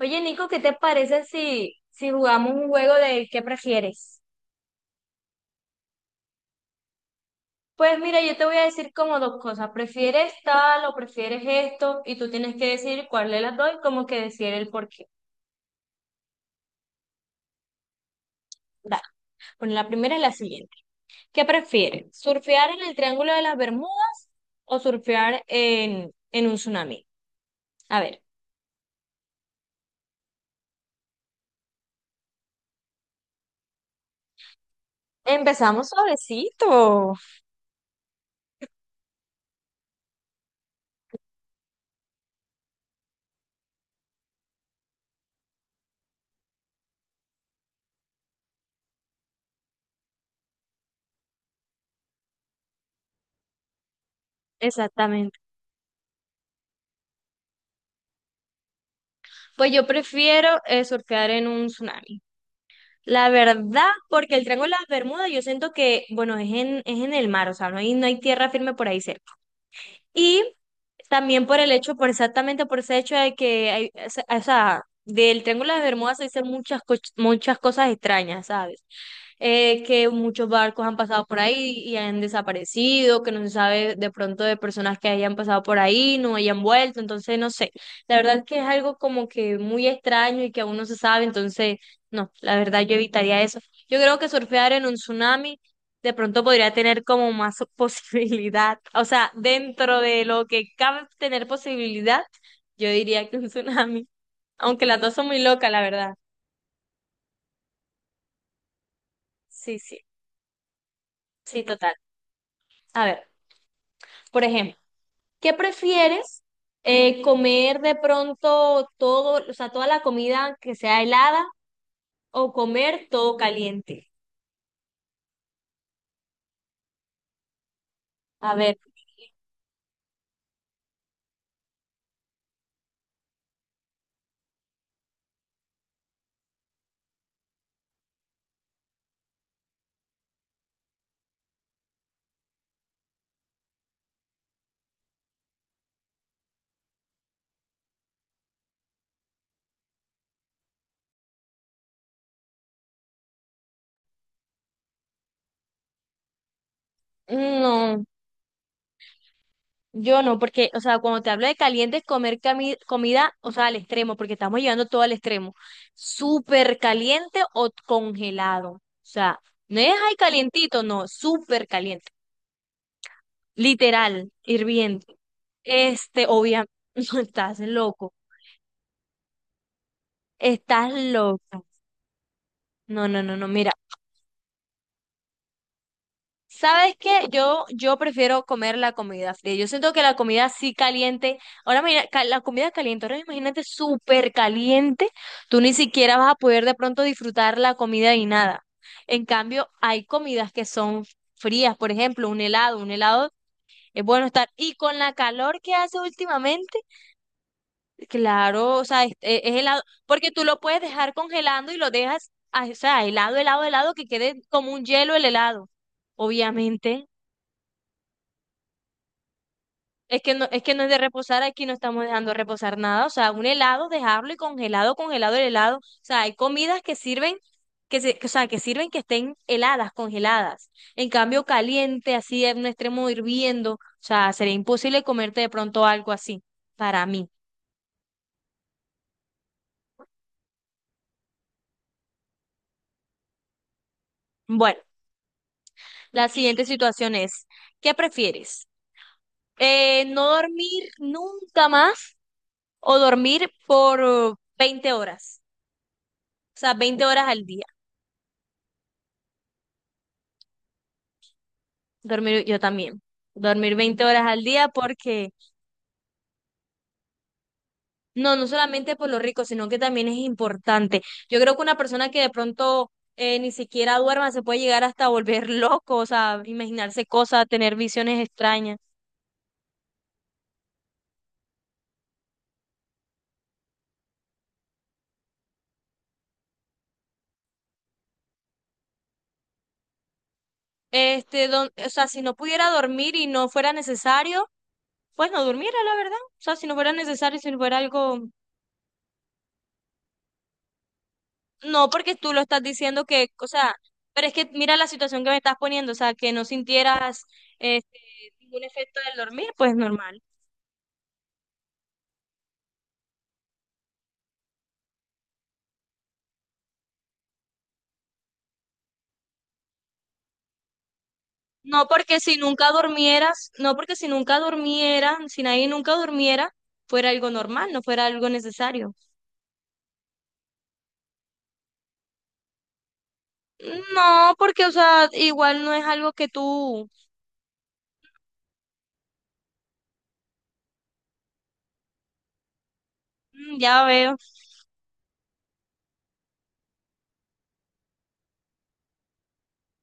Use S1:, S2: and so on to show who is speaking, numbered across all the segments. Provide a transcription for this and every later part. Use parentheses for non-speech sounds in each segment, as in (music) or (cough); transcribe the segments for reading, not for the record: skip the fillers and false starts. S1: Oye, Nico, ¿qué te parece si jugamos un juego de qué prefieres? Pues mira, yo te voy a decir como dos cosas. ¿Prefieres tal o prefieres esto? Y tú tienes que decir cuál de las dos y como que decir el por qué. Dale. Bueno, la primera es la siguiente. ¿Qué prefieres? ¿Surfear en el Triángulo de las Bermudas o surfear en un tsunami? A ver, empezamos suavecito. Exactamente. Pues yo prefiero surfear en un tsunami. La verdad, porque el Triángulo de las Bermudas yo siento que, bueno, es en el mar, o sea, no hay tierra firme por ahí cerca. Y también por el hecho, por exactamente por ese hecho de que, hay, o sea, del Triángulo de Bermuda se dicen muchas cosas extrañas, ¿sabes? Que muchos barcos han pasado por ahí y han desaparecido, que no se sabe de pronto de personas que hayan pasado por ahí, no hayan vuelto, entonces no sé. La verdad es que es algo como que muy extraño y que aún no se sabe, entonces no, la verdad yo evitaría eso. Yo creo que surfear en un tsunami de pronto podría tener como más (laughs) posibilidad. O sea, dentro de lo que cabe tener posibilidad, yo diría que un tsunami. Aunque las dos son muy locas, la verdad. Sí, sí, sí, total. A ver, por ejemplo, ¿qué prefieres? ¿Comer de pronto todo, o sea, toda la comida que sea helada o comer todo caliente? A ver, no. Yo no, porque, o sea, cuando te hablo de caliente es comida, o sea, al extremo, porque estamos llevando todo al extremo. Súper caliente o congelado. O sea, no es ahí calientito, no, súper caliente. Literal, hirviendo. Este, obviamente, (laughs) no, estás loco, estás loco. No, no, no, no, mira. ¿Sabes qué? Yo prefiero comer la comida fría. Yo siento que la comida sí caliente, ahora mira, la comida caliente, ahora imagínate súper caliente, tú ni siquiera vas a poder de pronto disfrutar la comida y nada. En cambio, hay comidas que son frías, por ejemplo, un helado es bueno estar. Y con la calor que hace últimamente, claro, o sea, es helado, porque tú lo puedes dejar congelando y lo dejas, ah, o sea, helado, helado, helado, que quede como un hielo el helado, obviamente. Es que no, es que no es de reposar, aquí no estamos dejando reposar nada. O sea, un helado, dejarlo y congelado, congelado el helado. O sea, hay comidas que sirven, o sea, que sirven que estén heladas, congeladas. En cambio, caliente, así en un extremo hirviendo. O sea, sería imposible comerte de pronto algo así, para mí. Bueno, la siguiente situación es, ¿qué prefieres? ¿No dormir nunca más o dormir por 20 horas? O sea, 20 horas al día. Dormir, yo también. Dormir 20 horas al día porque, no, no solamente por lo rico, sino que también es importante. Yo creo que una persona que de pronto ni siquiera duerma se puede llegar hasta volver (laughs) loco, o sea, imaginarse cosas, tener visiones extrañas. O sea, si no pudiera dormir y no fuera necesario, pues no durmiera, la verdad. O sea, si no fuera necesario, si fuera algo. No, porque tú lo estás diciendo que, o sea, pero es que mira la situación que me estás poniendo, o sea, que no sintieras este, ningún efecto del dormir, pues normal. No, porque si nunca durmieras, no, porque si nunca durmiera, si nadie nunca durmiera, fuera algo normal, no fuera algo necesario. No, porque, o sea, igual no es algo que tú. Mm, ya veo,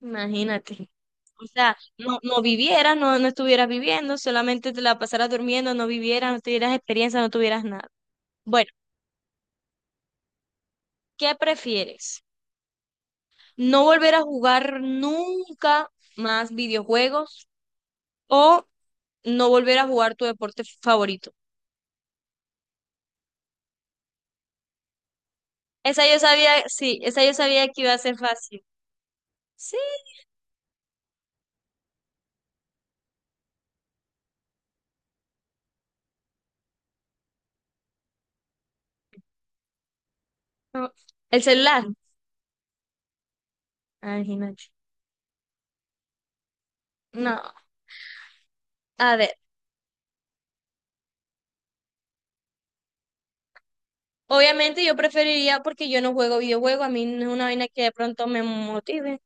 S1: imagínate. O sea, no, no vivieras, no, no estuvieras viviendo, solamente te la pasaras durmiendo, no vivieras, no tuvieras experiencia, no tuvieras nada. Bueno. ¿Qué prefieres? ¿No volver a jugar nunca más videojuegos o no volver a jugar tu deporte favorito? Esa yo sabía, sí, esa yo sabía que iba a ser fácil. Sí, no. El celular. Ah, imagínate. No, a ver. Obviamente yo preferiría porque yo no juego videojuegos, a mí no es una vaina que de pronto me motive.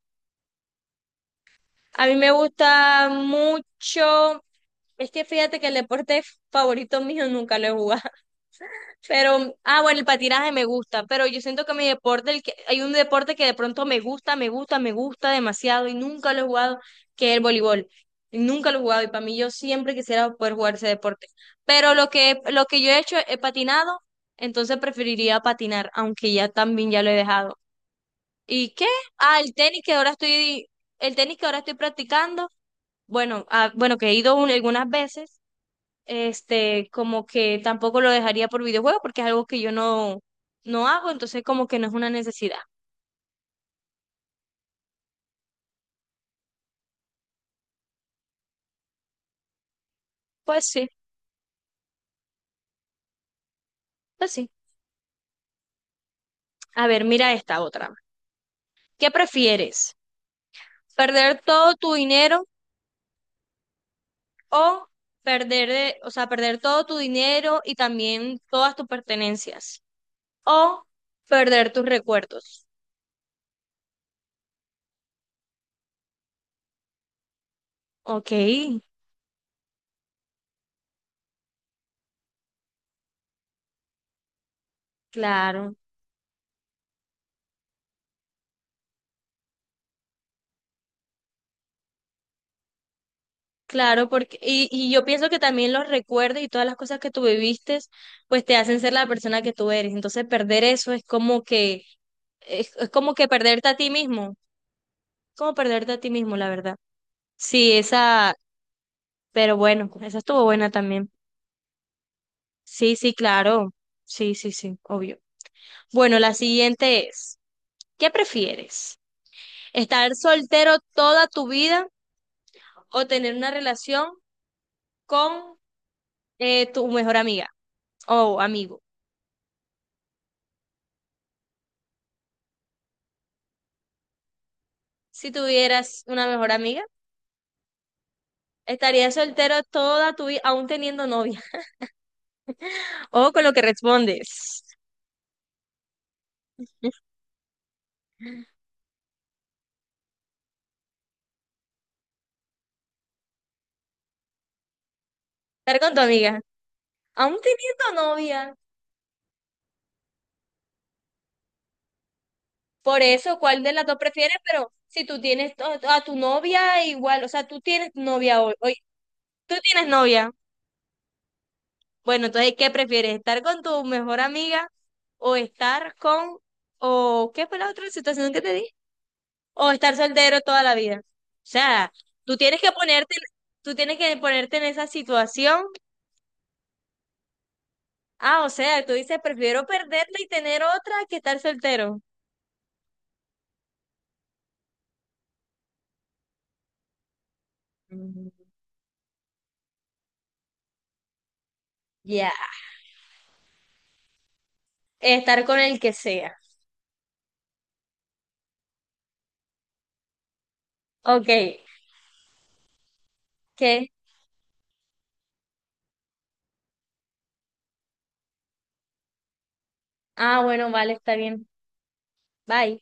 S1: A mí me gusta mucho, es que fíjate que el deporte favorito mío nunca lo he jugado. Pero, ah, bueno, el patinaje me gusta, pero yo siento que mi deporte, el que, hay un deporte que de pronto me gusta demasiado y nunca lo he jugado, que es el voleibol. Nunca lo he jugado y para mí yo siempre quisiera poder jugar ese deporte. Pero lo que yo he hecho, he patinado, entonces preferiría patinar, aunque ya también ya lo he dejado. ¿Y qué? Ah, el tenis que ahora estoy practicando, bueno, ah, bueno, que he ido algunas veces como que tampoco lo dejaría por videojuegos porque es algo que yo no, no hago, entonces como que no es una necesidad. Pues sí, pues sí. A ver, mira esta otra. ¿Qué prefieres? ¿Perder todo tu dinero o perder, de- o sea, perder todo tu dinero y también todas tus pertenencias? O perder tus recuerdos. Ok, claro. Claro, porque, y yo pienso que también los recuerdos y todas las cosas que tú viviste, pues te hacen ser la persona que tú eres. Entonces, perder eso es como que perderte a ti mismo, como perderte a ti mismo, la verdad. Sí, esa, pero bueno, esa estuvo buena también. Sí, sí, claro. Sí, sí, sí, obvio. Bueno, la siguiente es, ¿qué prefieres? ¿Estar soltero toda tu vida o tener una relación con tu mejor amiga o amigo? Si tuvieras una mejor amiga, estarías soltero toda tu vida, aún teniendo novia. (laughs) O con lo que respondes. Estar con tu amiga, aún teniendo novia. Por eso, ¿cuál de las dos prefieres? Pero si tú tienes a tu novia, igual, o sea, tú tienes novia tú tienes novia. Bueno, entonces, ¿qué prefieres? ¿Estar con tu mejor amiga o estar con, o qué fue la otra situación que te di? O estar soltero toda la vida. O sea, tú tienes que ponerte, tú tienes que ponerte en esa situación. Ah, o sea, tú dices, prefiero perderla y tener otra que estar soltero. Mm. Ya. Estar con el que sea. Ok, ¿qué? Ah, bueno, vale, está bien. Bye.